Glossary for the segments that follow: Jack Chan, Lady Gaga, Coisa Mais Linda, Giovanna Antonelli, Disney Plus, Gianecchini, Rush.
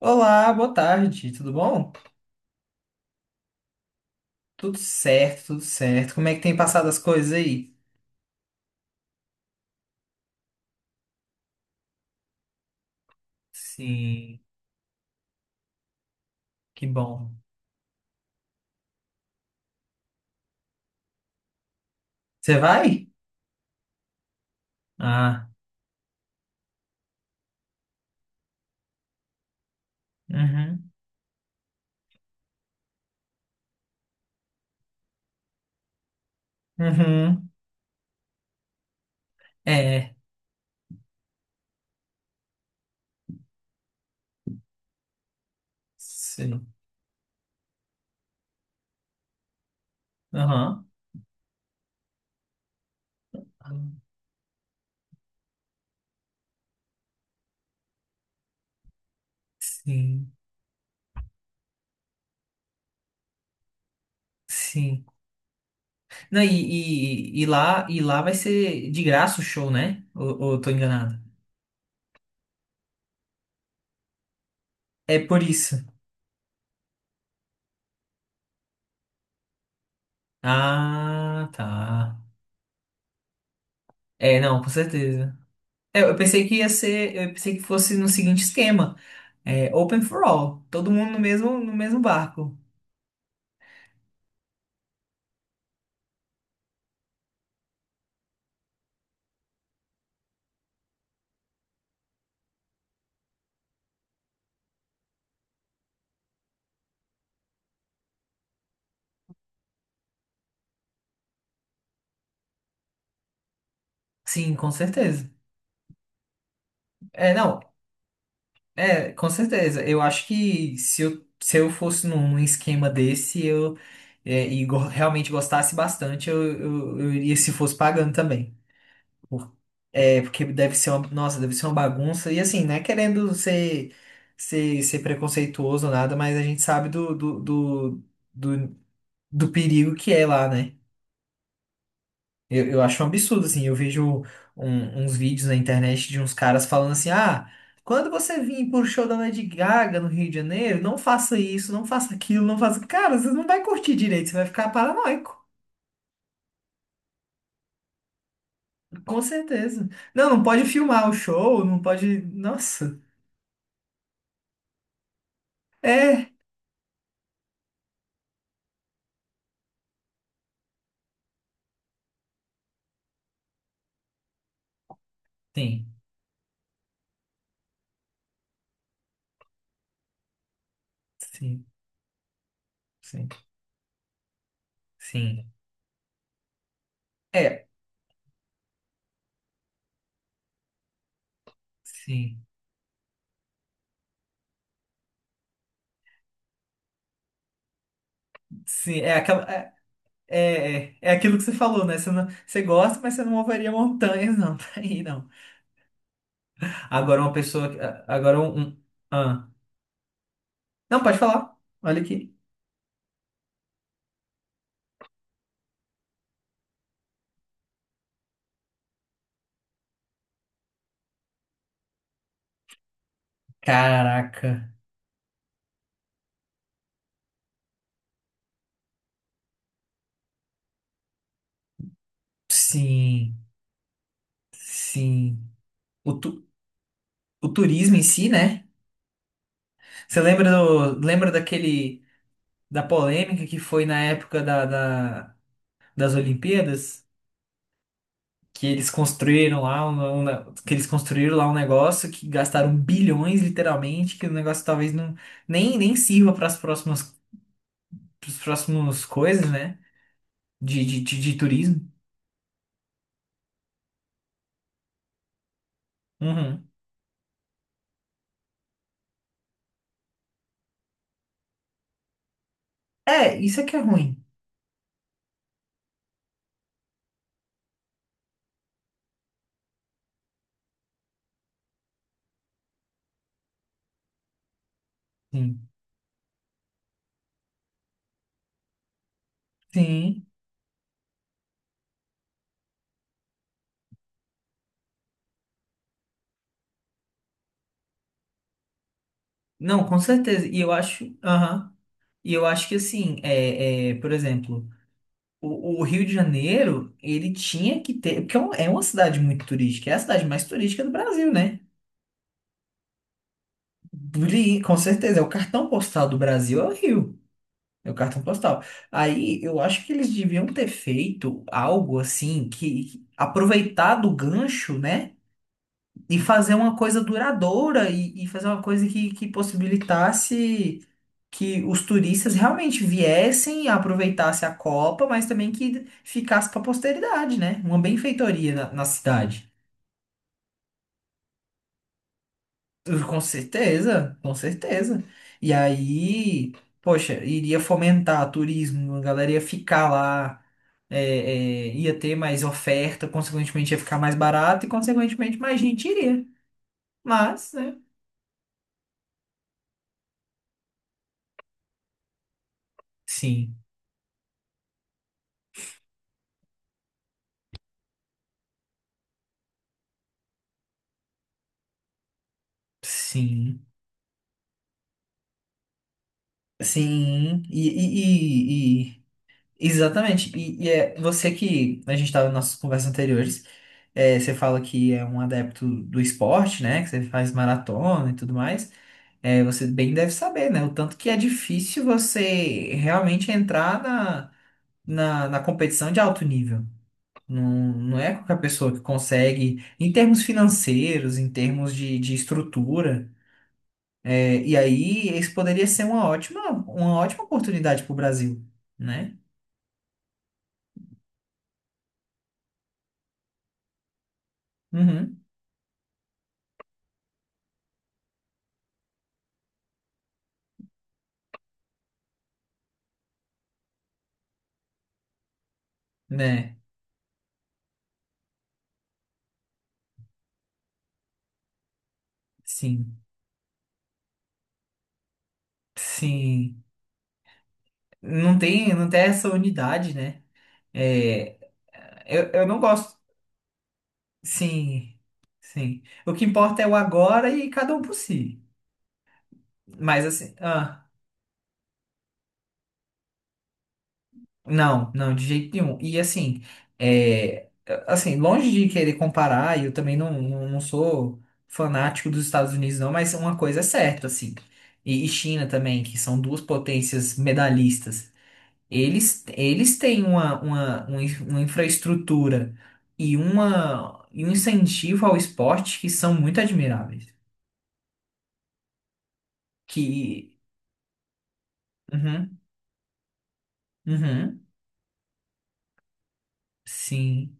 Olá, boa tarde, tudo bom? Tudo certo, tudo certo. Como é que tem passado as coisas aí? Sim, que bom. Você vai? Ah, uhum. Uhum. É, sim. Aham. Sim, sim. Não, e lá vai ser de graça o show, né? Ou eu tô enganado? É por isso. Ah, tá. É, não, com certeza. É, eu pensei que fosse no seguinte esquema. É open for all. Todo mundo no mesmo barco. Sim, com certeza. É, não, é, com certeza. Eu acho que se eu fosse num esquema desse, eu realmente gostasse bastante, eu iria se fosse pagando também. Por- É, porque nossa, deve ser uma bagunça. E assim, não é querendo ser preconceituoso ou nada, mas a gente sabe do, do perigo que é lá, né? Eu acho um absurdo, assim. Eu vejo uns vídeos na internet de uns caras falando assim: ah, quando você vir pro show da Lady Gaga no Rio de Janeiro, não faça isso, não faça aquilo, não faça. Cara, você não vai curtir direito, você vai ficar paranoico, com certeza. Não, não pode filmar o show, não pode. Nossa. É. Sim, sim, sim, sim. É, sim, sim. É, aquela, é, é, é é aquilo que você falou, né? Você, não, você gosta, mas você não moveria montanhas, não, pra ir, não. Agora uma pessoa. Agora um. Ah. Não, pode falar. Olha aqui. Caraca. Sim. Sim. O, tu, o turismo em si, né? Você lembra daquele. Da polêmica que foi na época das Olimpíadas? Que eles construíram lá né, que eles construíram lá um negócio que gastaram bilhões, literalmente, que o negócio talvez não nem sirva para as próximas, pros próximos coisas, né? De turismo. Uhum. É, isso é que é ruim. Sim. Sim. Não, com certeza. E eu acho, aham. E eu acho que assim, por exemplo, o Rio de Janeiro, ele tinha que ter, porque é uma cidade muito turística, é a cidade mais turística do Brasil, né? Com certeza, é o cartão postal do Brasil é o Rio. É o cartão postal. Aí eu acho que eles deviam ter feito algo assim que aproveitar do gancho, né? E fazer uma coisa duradoura e fazer uma coisa que possibilitasse que os turistas realmente viessem, aproveitassem a Copa, mas também que ficasse para a posteridade, né? Uma benfeitoria na cidade. Com certeza, com certeza. E aí, poxa, iria fomentar turismo, a galera ia ficar lá. Ia ter mais oferta, consequentemente ia ficar mais barato e consequentemente mais gente iria. Mas, né? Sim, sim. Sim, exatamente. E é você que a gente estava nas nossas conversas anteriores, você fala que é um adepto do esporte, né? Que você faz maratona e tudo mais. É, você bem deve saber, né? O tanto que é difícil você realmente entrar na competição de alto nível. Não, não é qualquer pessoa que consegue, em termos financeiros, em termos de estrutura. É, e aí, isso poderia ser uma ótima oportunidade para o Brasil, né? Uhum, né? Sim, sim. Não tem, não tem essa unidade, né? É, eu não gosto. Sim, sim. O que importa é o agora e cada um por si. Mas assim, ah. Não, não, de jeito nenhum. E assim, é, assim, longe de querer comparar, eu também não, não, não sou fanático dos Estados Unidos, não, mas uma coisa é certa, assim. E China também, que são duas potências medalhistas. Eles têm uma infraestrutura e um incentivo ao esporte que são muito admiráveis. Que. Uhum, uhum, sim,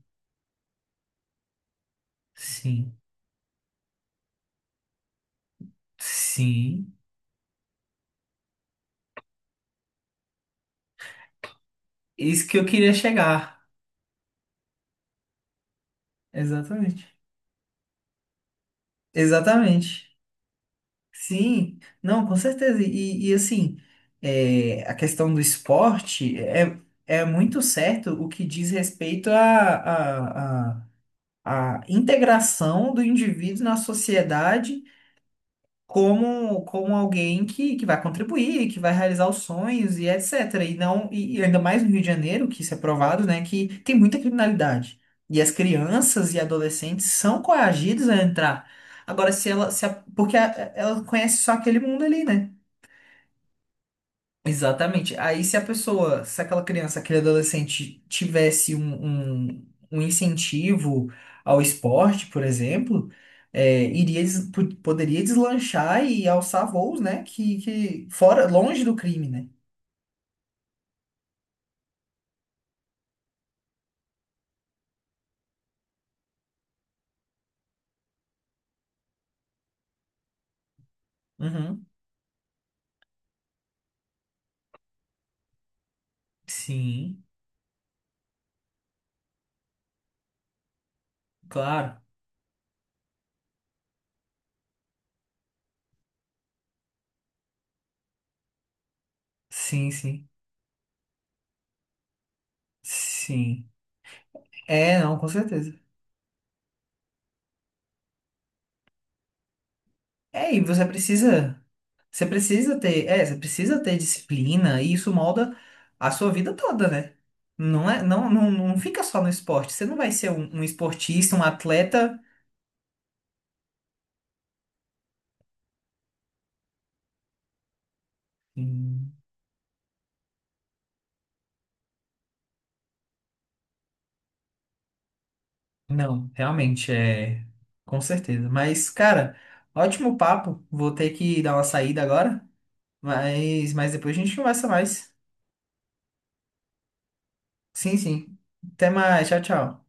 sim, sim. Isso que eu queria chegar. Exatamente. Exatamente. Sim, não, com certeza. E assim, a questão do esporte é, é muito certo o que diz respeito à à- à integração do indivíduo na sociedade como alguém que vai contribuir, que vai realizar os sonhos e etc. E não, e ainda mais no Rio de Janeiro, que isso é provado, né, que tem muita criminalidade. E as crianças e adolescentes são coagidas a entrar. Agora, se ela, se a- porque a- ela conhece só aquele mundo ali, né? Exatamente. Aí, se a pessoa, se aquela criança, aquele adolescente tivesse um incentivo ao esporte, por exemplo, poderia deslanchar e alçar voos, né? Que fora, longe do crime, né? Uhum. Sim, claro. Sim, sim. Sim. É, não, com certeza. É, e você precisa. Você precisa ter disciplina e isso molda a sua vida toda, né? Não é, não, não, não fica só no esporte. Você não vai ser um esportista, um atleta. Hum. Não, realmente é, com certeza. Mas, cara, ótimo papo. Vou ter que dar uma saída agora, mas depois a gente conversa mais. Sim, sim. Até mais. Tchau, tchau.